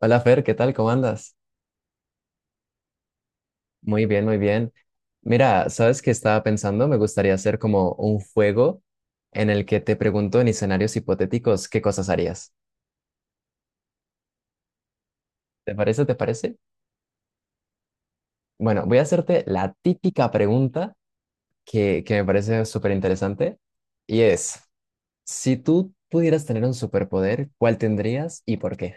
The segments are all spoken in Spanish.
Hola Fer, ¿qué tal? ¿Cómo andas? Muy bien, muy bien. Mira, ¿sabes qué estaba pensando? Me gustaría hacer como un juego en el que te pregunto en escenarios hipotéticos qué cosas harías. ¿Te parece? ¿Te parece? Bueno, voy a hacerte la típica pregunta que me parece súper interesante y es, si tú pudieras tener un superpoder, ¿cuál tendrías y por qué?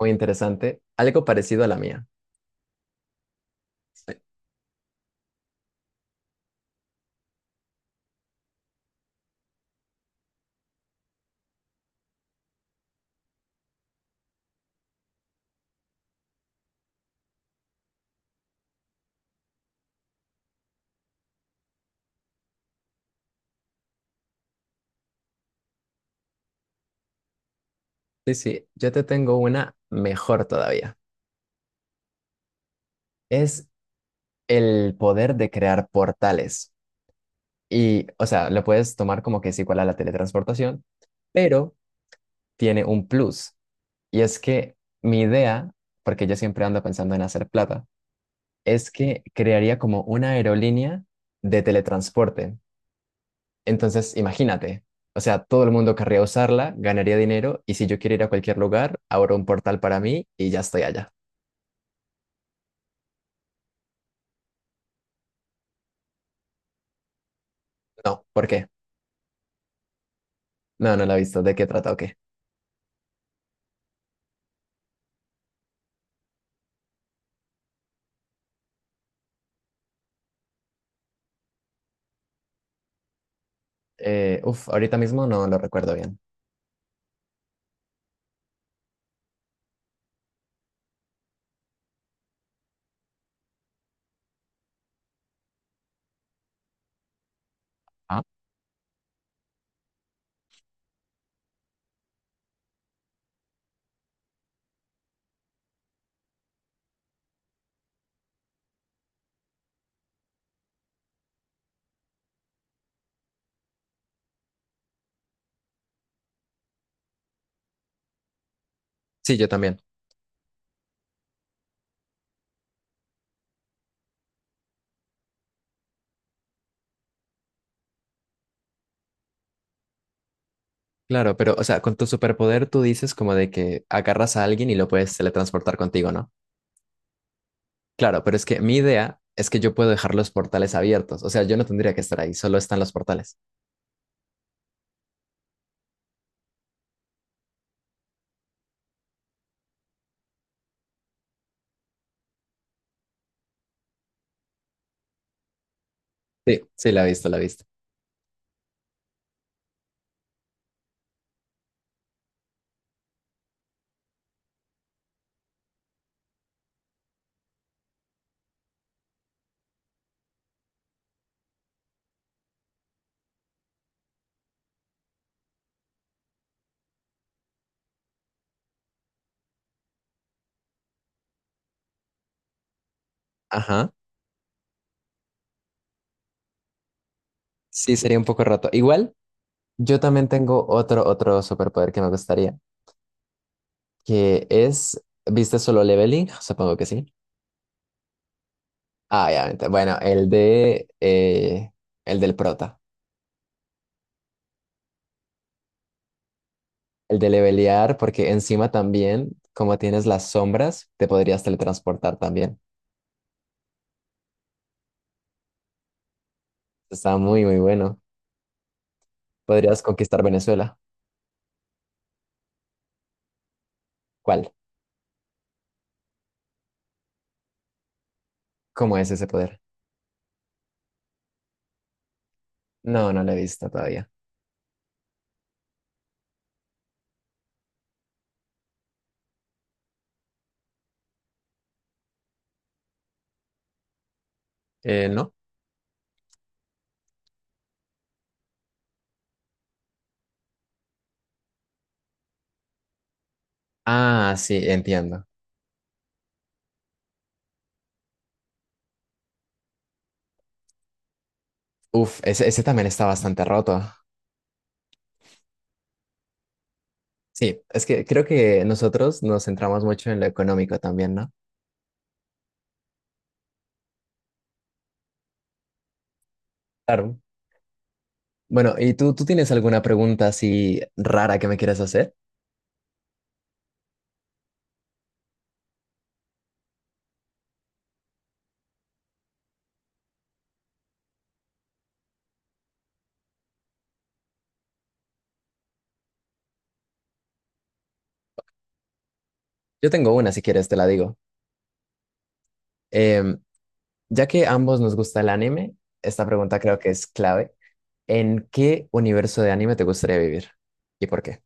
Muy interesante, algo parecido a la mía. Sí, sí, yo te tengo una mejor todavía. Es el poder de crear portales. Y, o sea, lo puedes tomar como que es igual a la teletransportación, pero tiene un plus. Y es que mi idea, porque yo siempre ando pensando en hacer plata, es que crearía como una aerolínea de teletransporte. Entonces, imagínate, o sea, todo el mundo querría usarla, ganaría dinero, y si yo quiero ir a cualquier lugar, abro un portal para mí y ya estoy allá. No, ¿por qué? No, no lo he visto. ¿De qué trata o qué? Uf, ahorita mismo no lo recuerdo bien. Sí, yo también. Claro, pero, o sea, con tu superpoder tú dices como de que agarras a alguien y lo puedes teletransportar contigo, ¿no? Claro, pero es que mi idea es que yo puedo dejar los portales abiertos. O sea, yo no tendría que estar ahí, solo están los portales. Sí, sí, la he visto, la he visto. Ajá. Sí, sería un poco roto. Igual, yo también tengo otro superpoder que me gustaría, que es, ¿viste solo leveling? Supongo que sí. Ah, obviamente. Bueno, el del prota. El de levelear, porque encima también, como tienes las sombras, te podrías teletransportar también. Está muy, muy bueno. Podrías conquistar Venezuela. ¿Cuál? ¿Cómo es ese poder? No, no lo he visto todavía. ¿No? Ah, sí, entiendo. Uf, ese también está bastante roto. Sí, es que creo que nosotros nos centramos mucho en lo económico también, ¿no? Claro. Bueno, ¿y tú tienes alguna pregunta así rara que me quieras hacer? Yo tengo una, si quieres, te la digo. Em, Ya que ambos nos gusta el anime, esta pregunta creo que es clave. ¿En qué universo de anime te gustaría vivir? ¿Y por qué?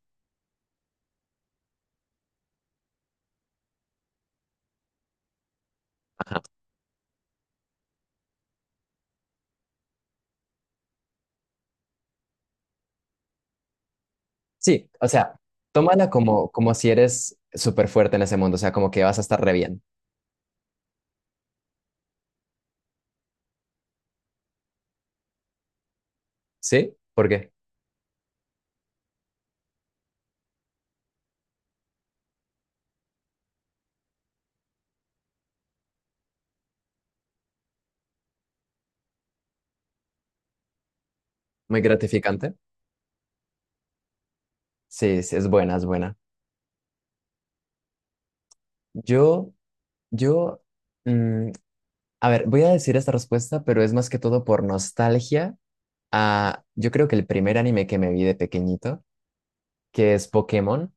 Ajá. Sí, o sea, tómala como, como si eres súper fuerte en ese mundo, o sea, como que vas a estar re bien. ¿Sí? ¿Por qué? Muy gratificante. Sí, sí, es buena, es buena. Yo, yo, mm, a ver, voy a decir esta respuesta, pero es más que todo por nostalgia. Yo creo que el primer anime que me vi de pequeñito, que es Pokémon.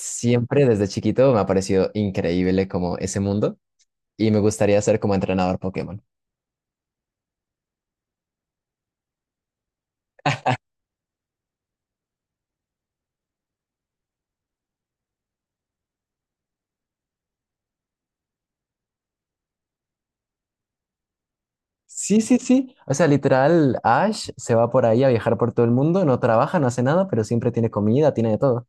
Siempre desde chiquito me ha parecido increíble como ese mundo y me gustaría ser como entrenador Pokémon. Sí, sí, sí. O sea, literal, Ash se va por ahí a viajar por todo el mundo, no trabaja, no hace nada, pero siempre tiene comida, tiene de todo.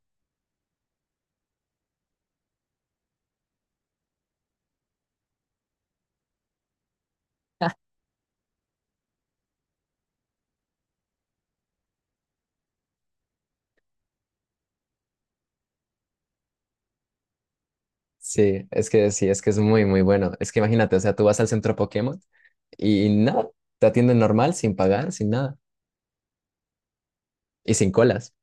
Sí, es que es muy, muy bueno. Es que imagínate, o sea, tú vas al centro Pokémon y nada, te atienden normal, sin pagar, sin nada y sin colas.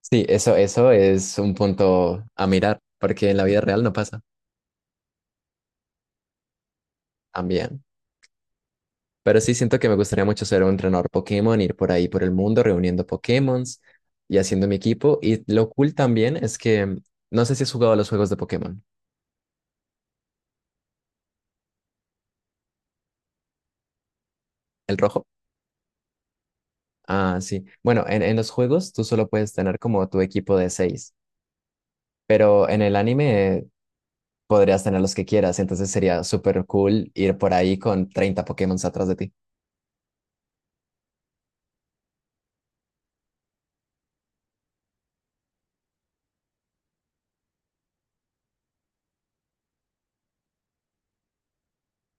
Sí, eso es un punto a mirar, porque en la vida real no pasa también. Pero sí siento que me gustaría mucho ser un entrenador Pokémon, ir por ahí por el mundo reuniendo Pokémons y haciendo mi equipo. Y lo cool también es que no sé si has jugado a los juegos de Pokémon. ¿El rojo? Ah, sí. Bueno, en los juegos tú solo puedes tener como tu equipo de seis, pero en el anime podrías tener los que quieras. Entonces sería súper cool ir por ahí con 30 Pokémons atrás de ti.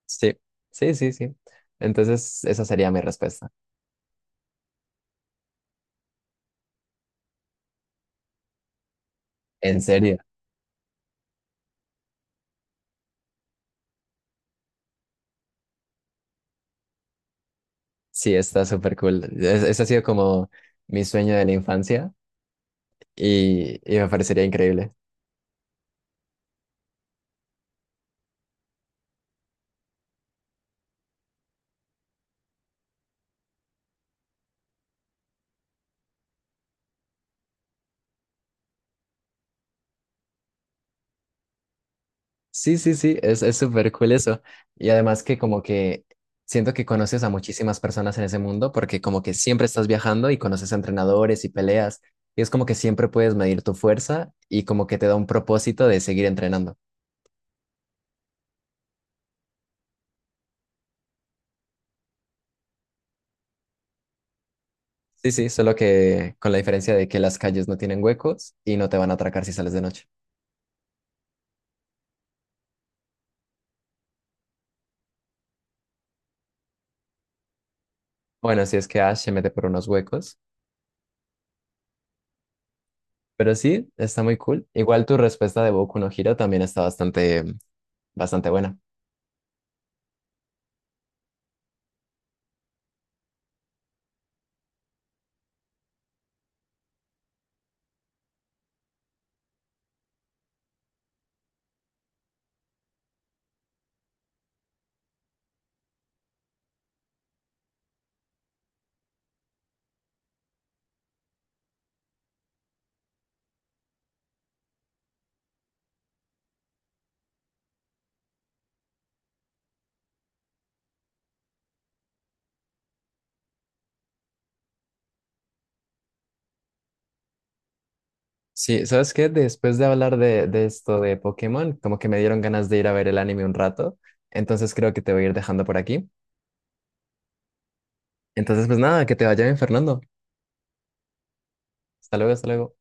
Sí, sí, sí, sí. Entonces esa sería mi respuesta. ¿En serio? Sí, está súper cool. Es- Ese ha sido como mi sueño de la infancia y me parecería increíble. Sí, sí, sí, es súper cool eso. Y además que como que siento que conoces a muchísimas personas en ese mundo porque como que siempre estás viajando y conoces a entrenadores y peleas. Y es como que siempre puedes medir tu fuerza y como que te da un propósito de seguir entrenando. Sí, sí, solo que con la diferencia de que las calles no tienen huecos y no te van a atracar si sales de noche. Bueno, si es que Ash se mete por unos huecos. Pero sí, está muy cool. Igual tu respuesta de Boku no Hero también está bastante, bastante buena. Sí, ¿sabes qué? Después de hablar de esto de Pokémon, como que me dieron ganas de ir a ver el anime un rato. Entonces creo que te voy a ir dejando por aquí. Entonces, pues nada, que te vaya bien, Fernando. Hasta luego, hasta luego.